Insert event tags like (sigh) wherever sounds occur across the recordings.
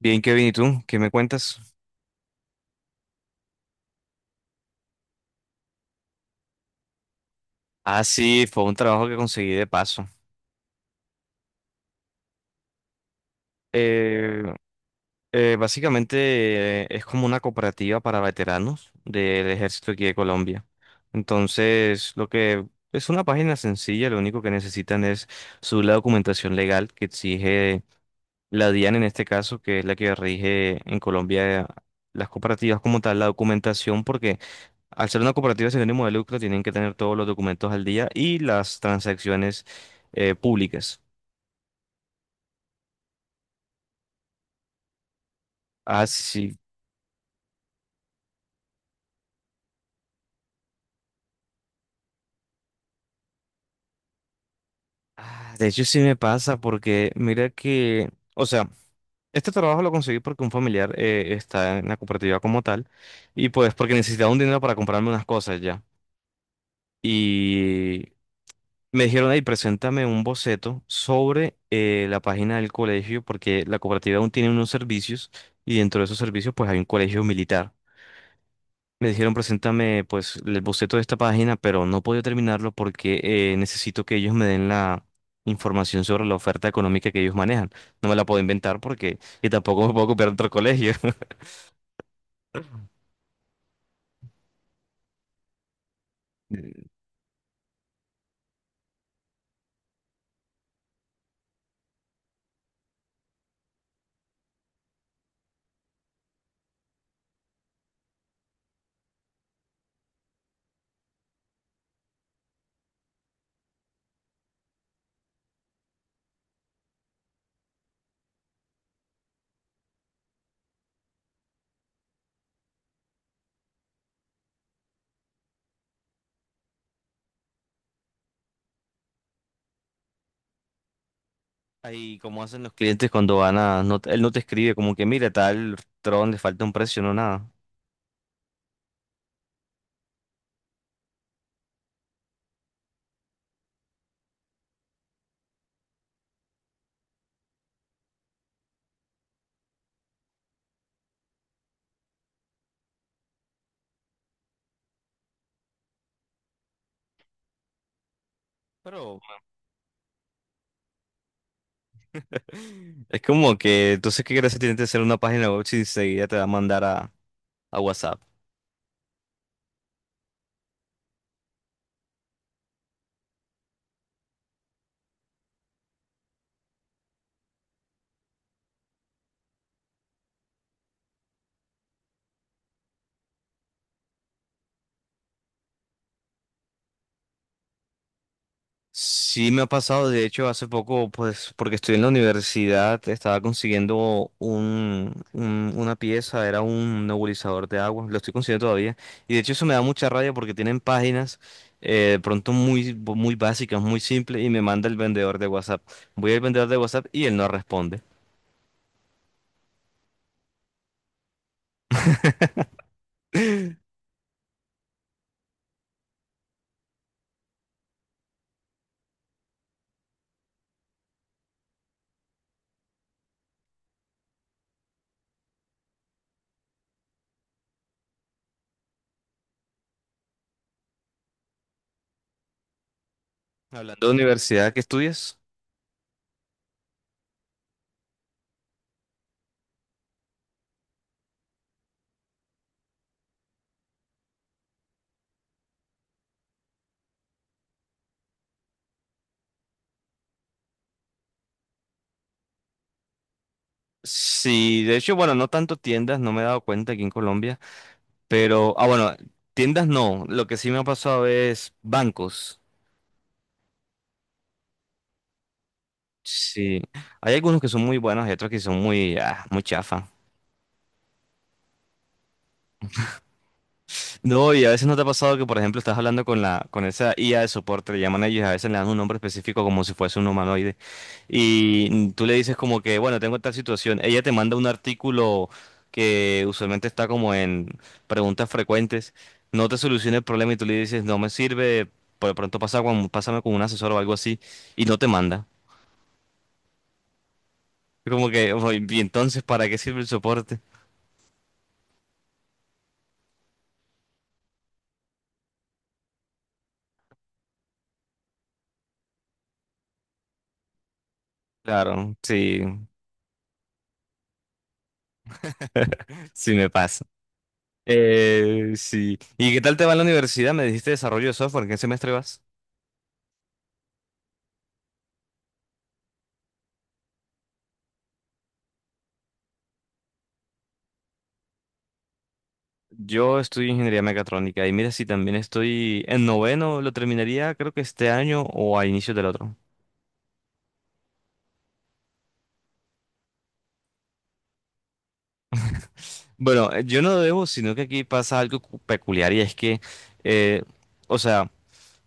Bien, Kevin, ¿y tú? ¿Qué me cuentas? Ah, sí, fue un trabajo que conseguí de paso. Eh, básicamente es como una cooperativa para veteranos del ejército aquí de Colombia. Entonces, lo que es una página sencilla, lo único que necesitan es su la documentación legal que exige la DIAN en este caso, que es la que rige en Colombia las cooperativas como tal, la documentación, porque al ser una cooperativa sin ánimo de lucro, tienen que tener todos los documentos al día y las transacciones públicas. Así, ah, de hecho, sí me pasa porque mira que, o sea, este trabajo lo conseguí porque un familiar está en la cooperativa como tal y pues porque necesitaba un dinero para comprarme unas cosas ya. Y me dijeron, ahí, preséntame un boceto sobre la página del colegio porque la cooperativa aún tiene unos servicios y dentro de esos servicios pues hay un colegio militar. Me dijeron, preséntame pues el boceto de esta página, pero no puedo terminarlo porque necesito que ellos me den la información sobre la oferta económica que ellos manejan. No me la puedo inventar porque, y tampoco me puedo copiar de otro colegio. (laughs) Ahí, como hacen los clientes cuando van a, él no te escribe como que, mira, tal Tron le falta un precio, no nada. Pero (laughs) es como que, entonces, ¿qué gracia tiene de hacer una página web si enseguida te va a mandar a WhatsApp? Sí me ha pasado, de hecho, hace poco, pues, porque estoy en la universidad, estaba consiguiendo un, una pieza, era un nebulizador de agua, lo estoy consiguiendo todavía, y de hecho eso me da mucha rabia porque tienen páginas de pronto muy, muy básicas, muy simples, y me manda el vendedor de WhatsApp. Voy al vendedor de WhatsApp y él no responde. (laughs) Hablando de universidad, ¿qué estudias? Sí, de hecho, bueno, no tanto tiendas, no me he dado cuenta aquí en Colombia. Pero, ah, bueno, tiendas no. Lo que sí me ha pasado es bancos. Sí, hay algunos que son muy buenos y otros que son muy, ah, muy chafa. No, y a veces no te ha pasado que, por ejemplo, estás hablando con la, con esa IA de soporte, le llaman a ellos y a veces le dan un nombre específico como si fuese un humanoide. Y tú le dices como que, bueno, tengo tal situación. Ella te manda un artículo que usualmente está como en preguntas frecuentes. No te soluciona el problema y tú le dices, no me sirve, por de pronto pasa con, pásame con un asesor o algo así. Y no te manda. Como que, "Ojo, y entonces, ¿para qué sirve el soporte? Claro, sí, (laughs) sí me pasa. Sí. ¿Y qué tal te va en la universidad? Me dijiste desarrollo de software, ¿en qué semestre vas? Yo estudio ingeniería mecatrónica y mira si también estoy en noveno, lo terminaría creo que este año o a inicios del otro. Bueno, yo no debo, sino que aquí pasa algo peculiar y es que, eh, o sea,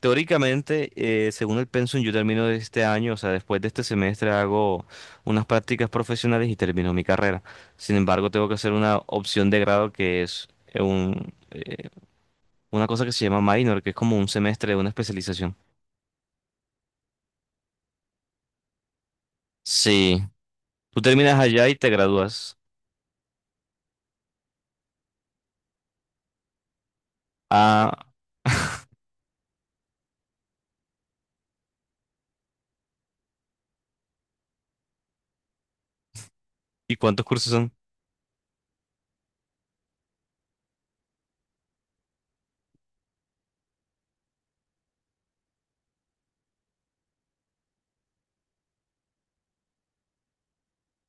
teóricamente, según el pensum, yo termino de este año, o sea, después de este semestre hago unas prácticas profesionales y termino mi carrera. Sin embargo, tengo que hacer una opción de grado que es una cosa que se llama minor, que es como un semestre de una especialización. Sí, tú terminas allá y te gradúas. Ah, (laughs) ¿y cuántos cursos son?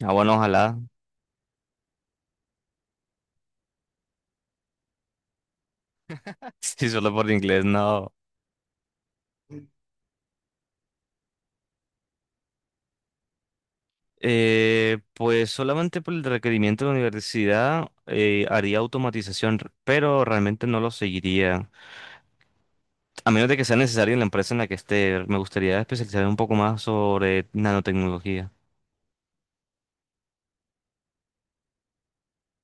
Ah, bueno, ojalá. (laughs) Si solo por inglés, no. Pues solamente por el requerimiento de la universidad haría automatización, pero realmente no lo seguiría. A menos de que sea necesario en la empresa en la que esté, me gustaría especializarme un poco más sobre nanotecnología.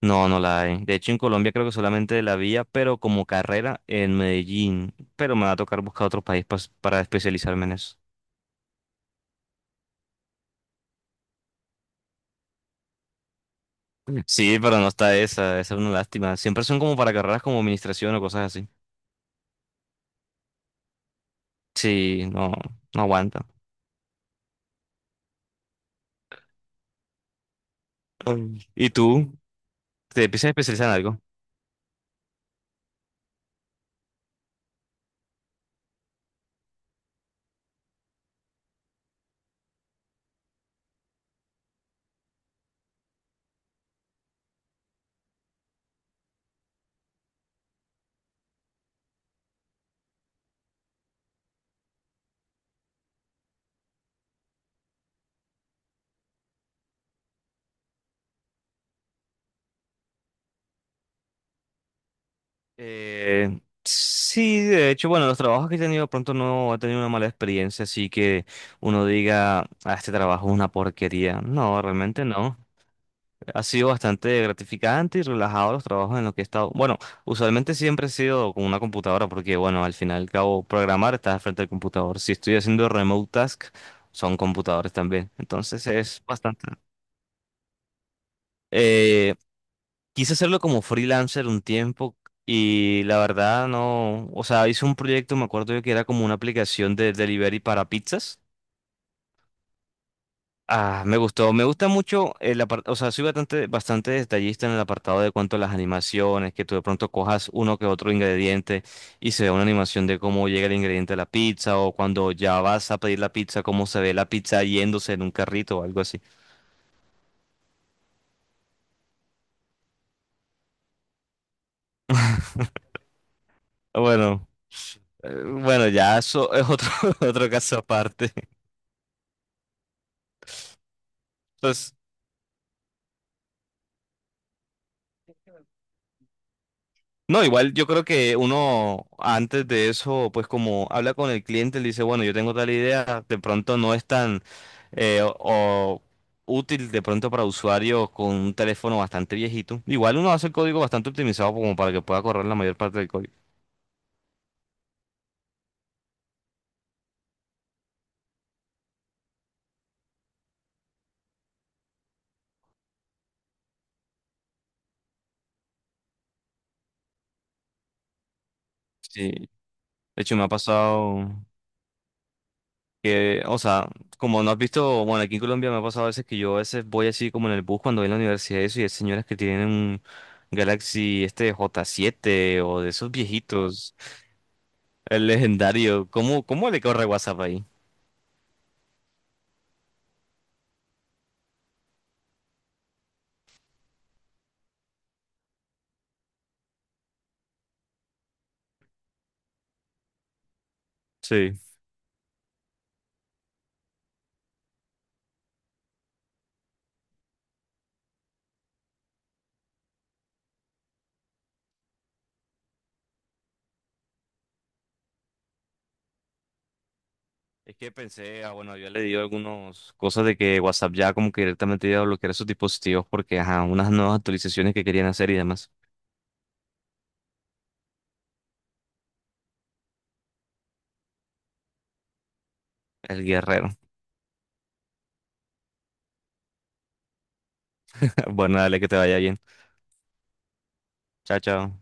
No, no la hay. De hecho, en Colombia creo que solamente la había, pero como carrera en Medellín. Pero me va a tocar buscar otro país para especializarme en eso. Sí, pero no está esa, esa es una lástima. Siempre son como para carreras como administración o cosas así. Sí, no, no aguanta. Mm. ¿Y tú? Te empiezas a especializar en algo. Sí, de hecho, bueno, los trabajos que he tenido pronto no he tenido una mala experiencia, así que uno diga, ah, este trabajo es una porquería. No, realmente no. Ha sido bastante gratificante y relajado los trabajos en los que he estado. Bueno, usualmente siempre he sido con una computadora, porque bueno, al final y al cabo, programar estás al frente del computador. Si estoy haciendo remote task, son computadores también. Entonces es bastante. Eh, Quise hacerlo como freelancer un tiempo y la verdad no, o sea, hice un proyecto, me acuerdo yo que era como una aplicación de delivery para pizzas. Ah, me gustó, me gusta mucho el apartado, o sea, soy bastante, bastante detallista en el apartado de cuanto a las animaciones, que tú de pronto cojas uno que otro ingrediente y se ve una animación de cómo llega el ingrediente a la pizza o cuando ya vas a pedir la pizza, cómo se ve la pizza yéndose en un carrito o algo así. Bueno, bueno, ya eso es otro, (laughs) otro caso aparte. Entonces, no, igual yo creo que uno antes de eso, pues como habla con el cliente, le dice, bueno, yo tengo tal idea, de pronto no es tan o útil de pronto para usuarios con un teléfono bastante viejito. Igual uno hace el código bastante optimizado como para que pueda correr la mayor parte del código. Sí, de hecho me ha pasado que, o sea, como no has visto, bueno, aquí en Colombia me ha pasado a veces que yo a veces voy así como en el bus cuando voy a la universidad y eso y hay señoras que tienen un Galaxy este J7 o de esos viejitos. El legendario. ¿Cómo, cómo le corre WhatsApp ahí? Sí. Es que pensé, ah, bueno, yo le di algunas cosas de que WhatsApp ya como que directamente iba a bloquear esos dispositivos porque, ajá, unas nuevas actualizaciones que querían hacer y demás. El guerrero. (laughs) Bueno, dale que te vaya bien. Chao, chao.